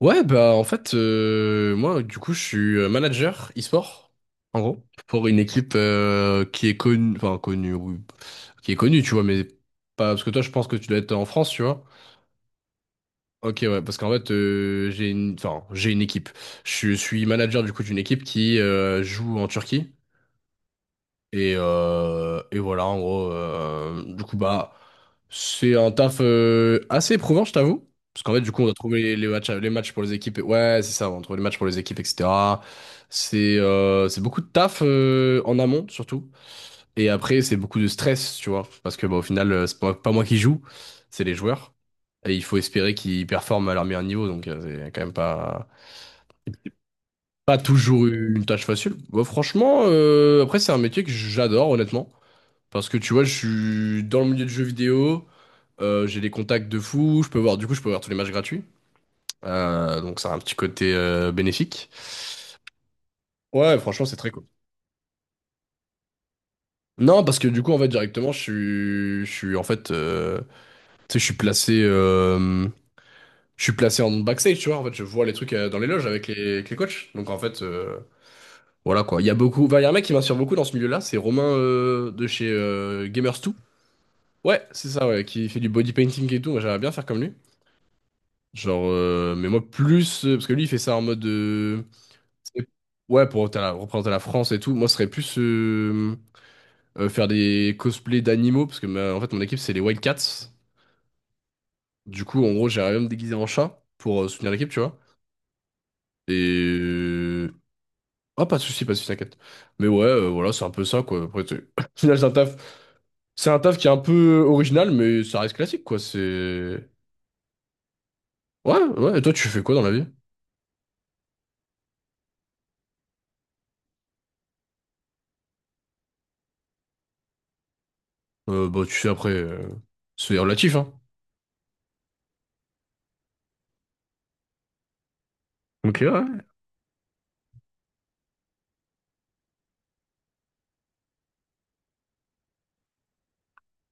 Ouais, bah en fait, moi du coup je suis manager e-sport, en gros, pour une équipe qui est connue, enfin connue, oui, qui est connue, tu vois, mais pas parce que toi je pense que tu dois être en France, tu vois. Ok, ouais, parce qu'en fait j'ai une, enfin j'ai une équipe. Je suis manager du coup d'une équipe qui joue en Turquie. Et voilà, en gros, du coup, bah, c'est un taf assez éprouvant, je t'avoue. Parce qu'en fait, du coup, on doit trouver les matchs pour les équipes. Ouais, c'est ça, on trouve les matchs pour les équipes, etc. C'est beaucoup de taf en amont, surtout. Et après, c'est beaucoup de stress, tu vois. Parce que, bah, au final, c'est pas moi qui joue, c'est les joueurs. Et il faut espérer qu'ils performent à leur meilleur niveau. Donc, c'est quand même pas toujours une tâche facile. Bah, franchement, après, c'est un métier que j'adore, honnêtement. Parce que tu vois, je suis dans le milieu du jeu vidéo, j'ai des contacts de fou, je peux voir, du coup, je peux voir tous les matchs gratuits. Donc ça a un petit côté bénéfique. Ouais, franchement, c'est très cool. Non, parce que du coup, en fait, directement, je suis en fait, tu sais, je suis placé en backstage, tu vois. En fait, je vois les trucs dans les loges avec les coachs. Donc, en fait, voilà quoi. Il y a beaucoup, enfin, il y a un mec qui m'inspire beaucoup dans ce milieu-là, c'est Romain de chez Gamers2. Ouais, c'est ça, ouais, qui fait du body painting et tout. Moi, j'aimerais bien faire comme lui. Genre, mais moi, plus. Parce que lui, il fait ça en mode. C'est- ouais, pour représenter la France et tout. Moi, ce serait plus faire des cosplays d'animaux. Parce que, en fait, mon équipe, c'est les Wildcats. Du coup, en gros, j'irais même me déguiser en chat pour soutenir l'équipe, tu vois. Et. euh, Ah, pas de soucis, pas de soucis, t'inquiète. Mais ouais, voilà, c'est un peu ça, quoi. Après, au final, c'est un taf. C'est un taf qui est un peu original, mais ça reste classique, quoi. C'est. Ouais, ouais. Et toi, tu fais quoi dans la vie? Bah, tu fais après. C'est relatif, hein. Ok, ouais.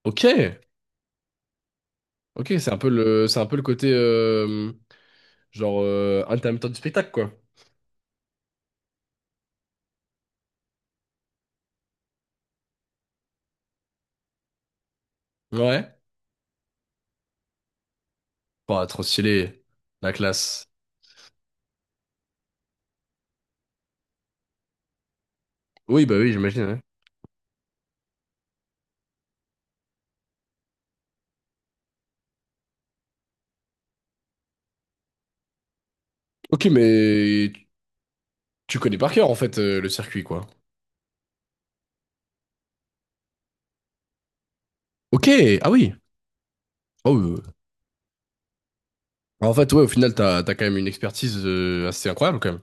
Ok, ok, c'est un peu le côté genre intermittent du spectacle quoi. Ouais. Pas trop stylé, la classe. Oui, bah oui, j'imagine. Ouais. Ok, mais tu connais par cœur en fait le circuit quoi. Ok, ah oui. Oh, oui, oui. En fait, ouais, au final, t'as quand même une expertise assez incroyable quand même.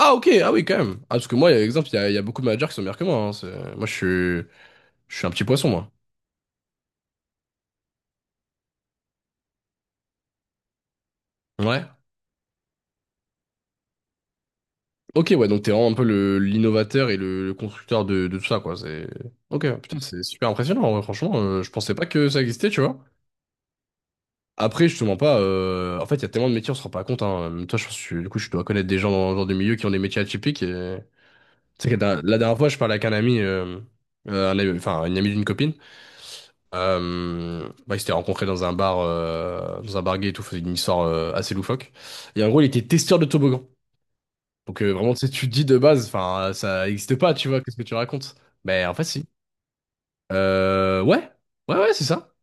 Ah, ok, ah oui quand même. Ah, parce que moi, exemple, il y a beaucoup de managers qui sont meilleurs que moi, hein. Moi, je suis un petit poisson moi. Ouais. Ok, ouais, donc t'es vraiment un peu le l'innovateur et le constructeur de tout ça, quoi. C'est... Ok, putain, c'est super impressionnant, en vrai, franchement. Je pensais pas que ça existait, tu vois. Après, je te mens pas, en fait, il y a tellement de métiers, on se rend pas compte, hein. Même toi, je pense que, du coup, je dois connaître des gens dans des milieux qui ont des métiers atypiques. Et... Tu sais que la dernière fois, je parlais avec un ami, enfin, une amie d'une copine. Bah, ils s'étaient rencontrés dans un bar gay et tout, faisait une histoire assez loufoque. Et en gros, il était testeur de toboggan. Donc vraiment, tu sais, tu te dis de base, enfin, ça n'existe pas, tu vois, qu'est-ce que tu racontes? Mais en fait, si. Ouais, ouais, ouais, c'est ça.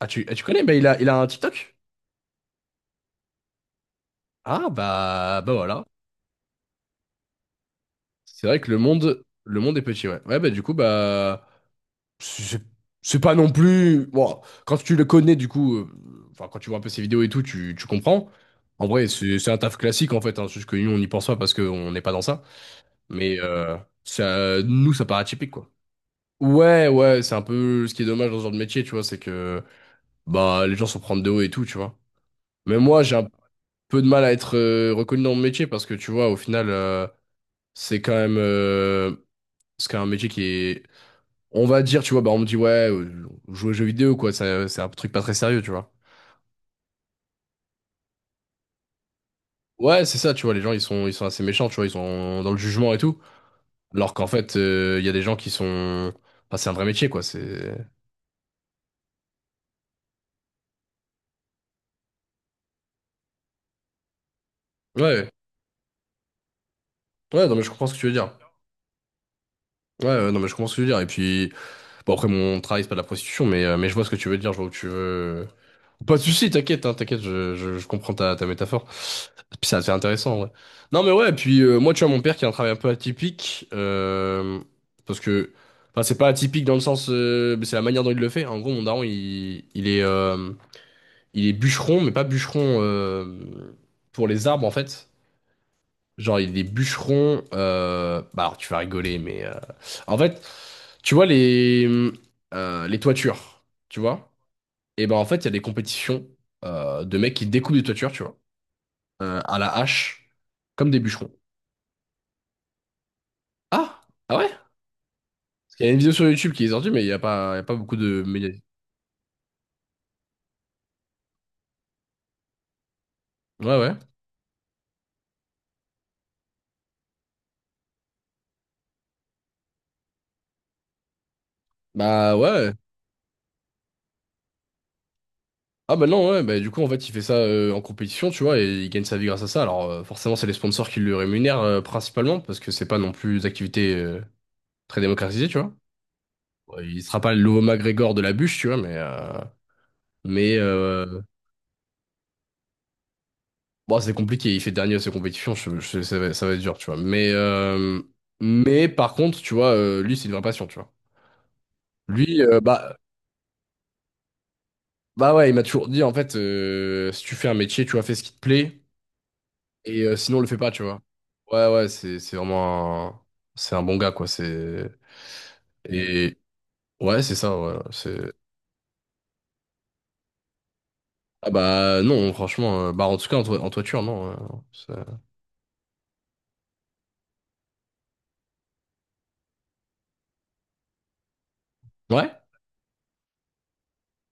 Ah, tu connais, bah, il a un TikTok? Ah, bah, bah voilà. C'est vrai que le monde est petit, ouais. Ouais, bah du coup, bah, c'est c'est pas non plus... Bon, quand tu le connais, du coup, enfin, quand tu vois un peu ses vidéos et tout, tu comprends. En vrai, c'est un taf classique, en fait, hein, c'est juste que nous, on n'y pense pas parce qu'on n'est pas dans ça. Mais ça, nous, ça paraît atypique, quoi. Ouais, ouais, c'est un peu ce qui est dommage dans ce genre de métier, tu vois, c'est que bah les gens s'en prennent de haut et tout, tu vois. Mais moi, j'ai un peu de mal à être reconnu dans mon métier parce que tu vois, au final, c'est quand même euh, c'est quand même un métier qui est, on va dire, tu vois, bah on me dit ouais, jouer aux jeux vidéo quoi, c'est un truc pas très sérieux, tu vois. Ouais, c'est ça, tu vois, les gens ils sont assez méchants, tu vois, ils sont dans le jugement et tout, alors qu'en fait, il y a des gens qui sont, enfin, c'est un vrai métier quoi, c'est ouais, ouais, non mais je comprends ce que tu veux dire. Ouais, ouais, non mais je comprends ce que tu veux dire et puis. Bon, après, mon travail, c'est pas de la prostitution, mais je vois ce que tu veux dire, je vois où tu veux. Pas de soucis, t'inquiète, hein, t'inquiète, je comprends ta métaphore. Puis ça, c'est intéressant, ouais. Non, mais ouais, puis moi, tu vois, mon père qui a un travail un peu atypique, parce que, enfin, c'est pas atypique dans le sens, mais c'est la manière dont il le fait. En gros, mon daron, il est bûcheron, mais pas bûcheron pour les arbres, en fait. Genre, il est bûcheron, bah, alors, tu vas rigoler, mais en fait, tu vois les toitures, tu vois? Et ben en fait, il y a des compétitions de mecs qui découpent des toitures, tu vois, à la hache, comme des bûcherons. Ah! Ah, ouais? Parce qu'il y a une vidéo sur YouTube qui est sortie, mais il y a pas beaucoup de médias. Ouais, ouais. Bah, ouais. Ah, bah non, ouais. Bah, du coup, en fait, il fait ça en compétition, tu vois, et il gagne sa vie grâce à ça. Alors forcément, c'est les sponsors qui le rémunèrent principalement, parce que c'est pas non plus des activités très démocratisées, tu vois. Ouais, il sera pas le nouveau McGregor de la bûche, tu vois, mais... Mais bon, c'est compliqué. Il fait dernier à ses compétitions. Ça va être dur, tu vois. Mais par contre, tu vois, lui, c'est une vraie passion, tu vois. Lui, bah, bah ouais, il m'a toujours dit, en fait, si tu fais un métier, tu vois, fais ce qui te plaît. Et sinon, le fais pas, tu vois. Ouais, ouais, c'est vraiment un... C'est un bon gars, quoi. C'est... Et ouais, c'est ça, ouais. C'est... Ah, bah non, franchement, bah en tout cas, en toiture, non. C'est- ouais?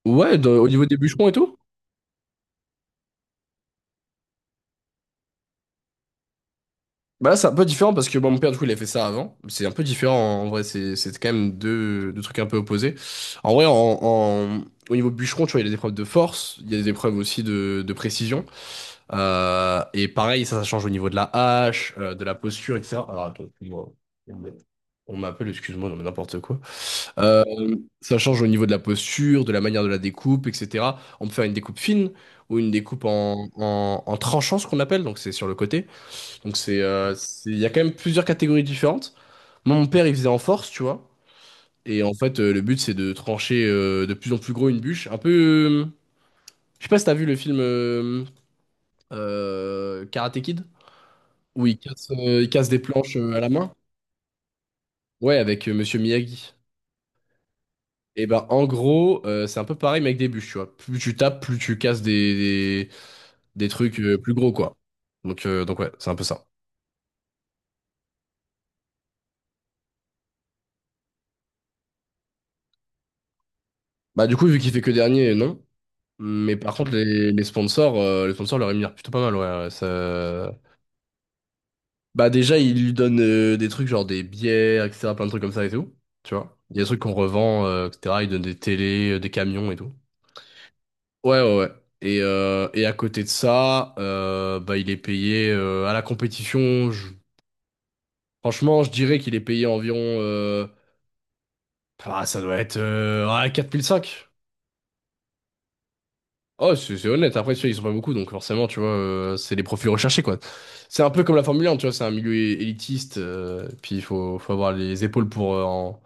Ouais, au niveau des bûcherons et tout? Bah là, c'est un peu différent parce que bon, mon père, du coup, il a fait ça avant. C'est un peu différent en vrai. C'est quand même deux trucs un peu opposés. En vrai, au niveau bûcheron, tu vois, il y a des épreuves de force, il y a des épreuves aussi de précision. Et pareil, ça change au niveau de la hache, de la posture, etc. Alors, attends, excuse-moi. On m'appelle, excuse-moi, non mais n'importe quoi. Euh, Ça change au niveau de la posture, de la manière de la découpe, etc. On peut faire une découpe fine ou une découpe en tranchant, ce qu'on appelle, donc c'est sur le côté. Il y a quand même plusieurs catégories différentes. Moi, mon père, il faisait en force, tu vois. Et en fait, le but, c'est de trancher de plus en plus gros une bûche. Un peu, je sais pas si t'as vu le film Karate Kid, où il casse des planches à la main. Ouais, avec Monsieur Miyagi. Et ben, en gros, c'est un peu pareil, mais avec des bûches, tu vois. Plus tu tapes, plus tu casses des trucs plus gros, quoi. Donc ouais, c'est un peu ça. Bah du coup, vu qu'il fait que dernier, non. Mais par contre, les sponsors le rémunèrent plutôt pas mal, ouais. Ouais. Bah, déjà, ils lui donnent des trucs genre des bières, etc., plein de trucs comme ça et tout, tu vois. Il y a des trucs qu'on revend, etc. Ils donnent des télés, des camions et tout. Ouais, ouais, ouais. Et à côté de ça, bah, il est payé à la compétition. Franchement, je dirais qu'il est payé environ... Ah, ça doit être ouais, 4005. Oh, c'est honnête. Après, tu vois, ils sont pas beaucoup, donc forcément, tu vois, c'est les profils recherchés, quoi. C'est un peu comme la Formule 1, tu vois, c'est un milieu élitiste, puis il faut avoir les épaules pour,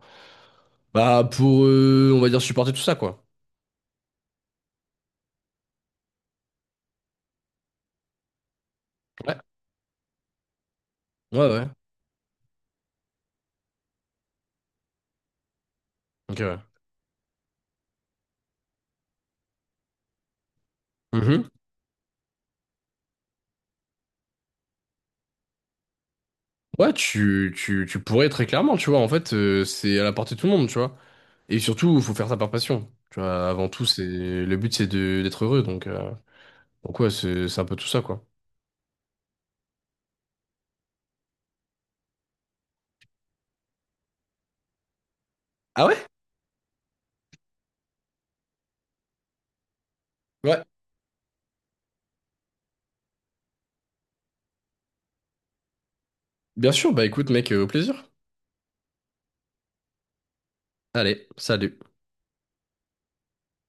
bah, pour, on va dire, supporter tout ça, quoi. Ouais, ouais, ouais. Ok, ouais. Mhm. Ouais, tu pourrais très clairement, tu vois, en fait, c'est à la portée de tout le monde, tu vois. Et surtout, il faut faire ça par passion. Tu vois, avant tout, c'est le but, c'est de d'être heureux, donc ouais, c'est un peu tout ça, quoi. Ah, ouais? Ouais. Bien sûr, bah écoute, mec, au plaisir. Allez, salut.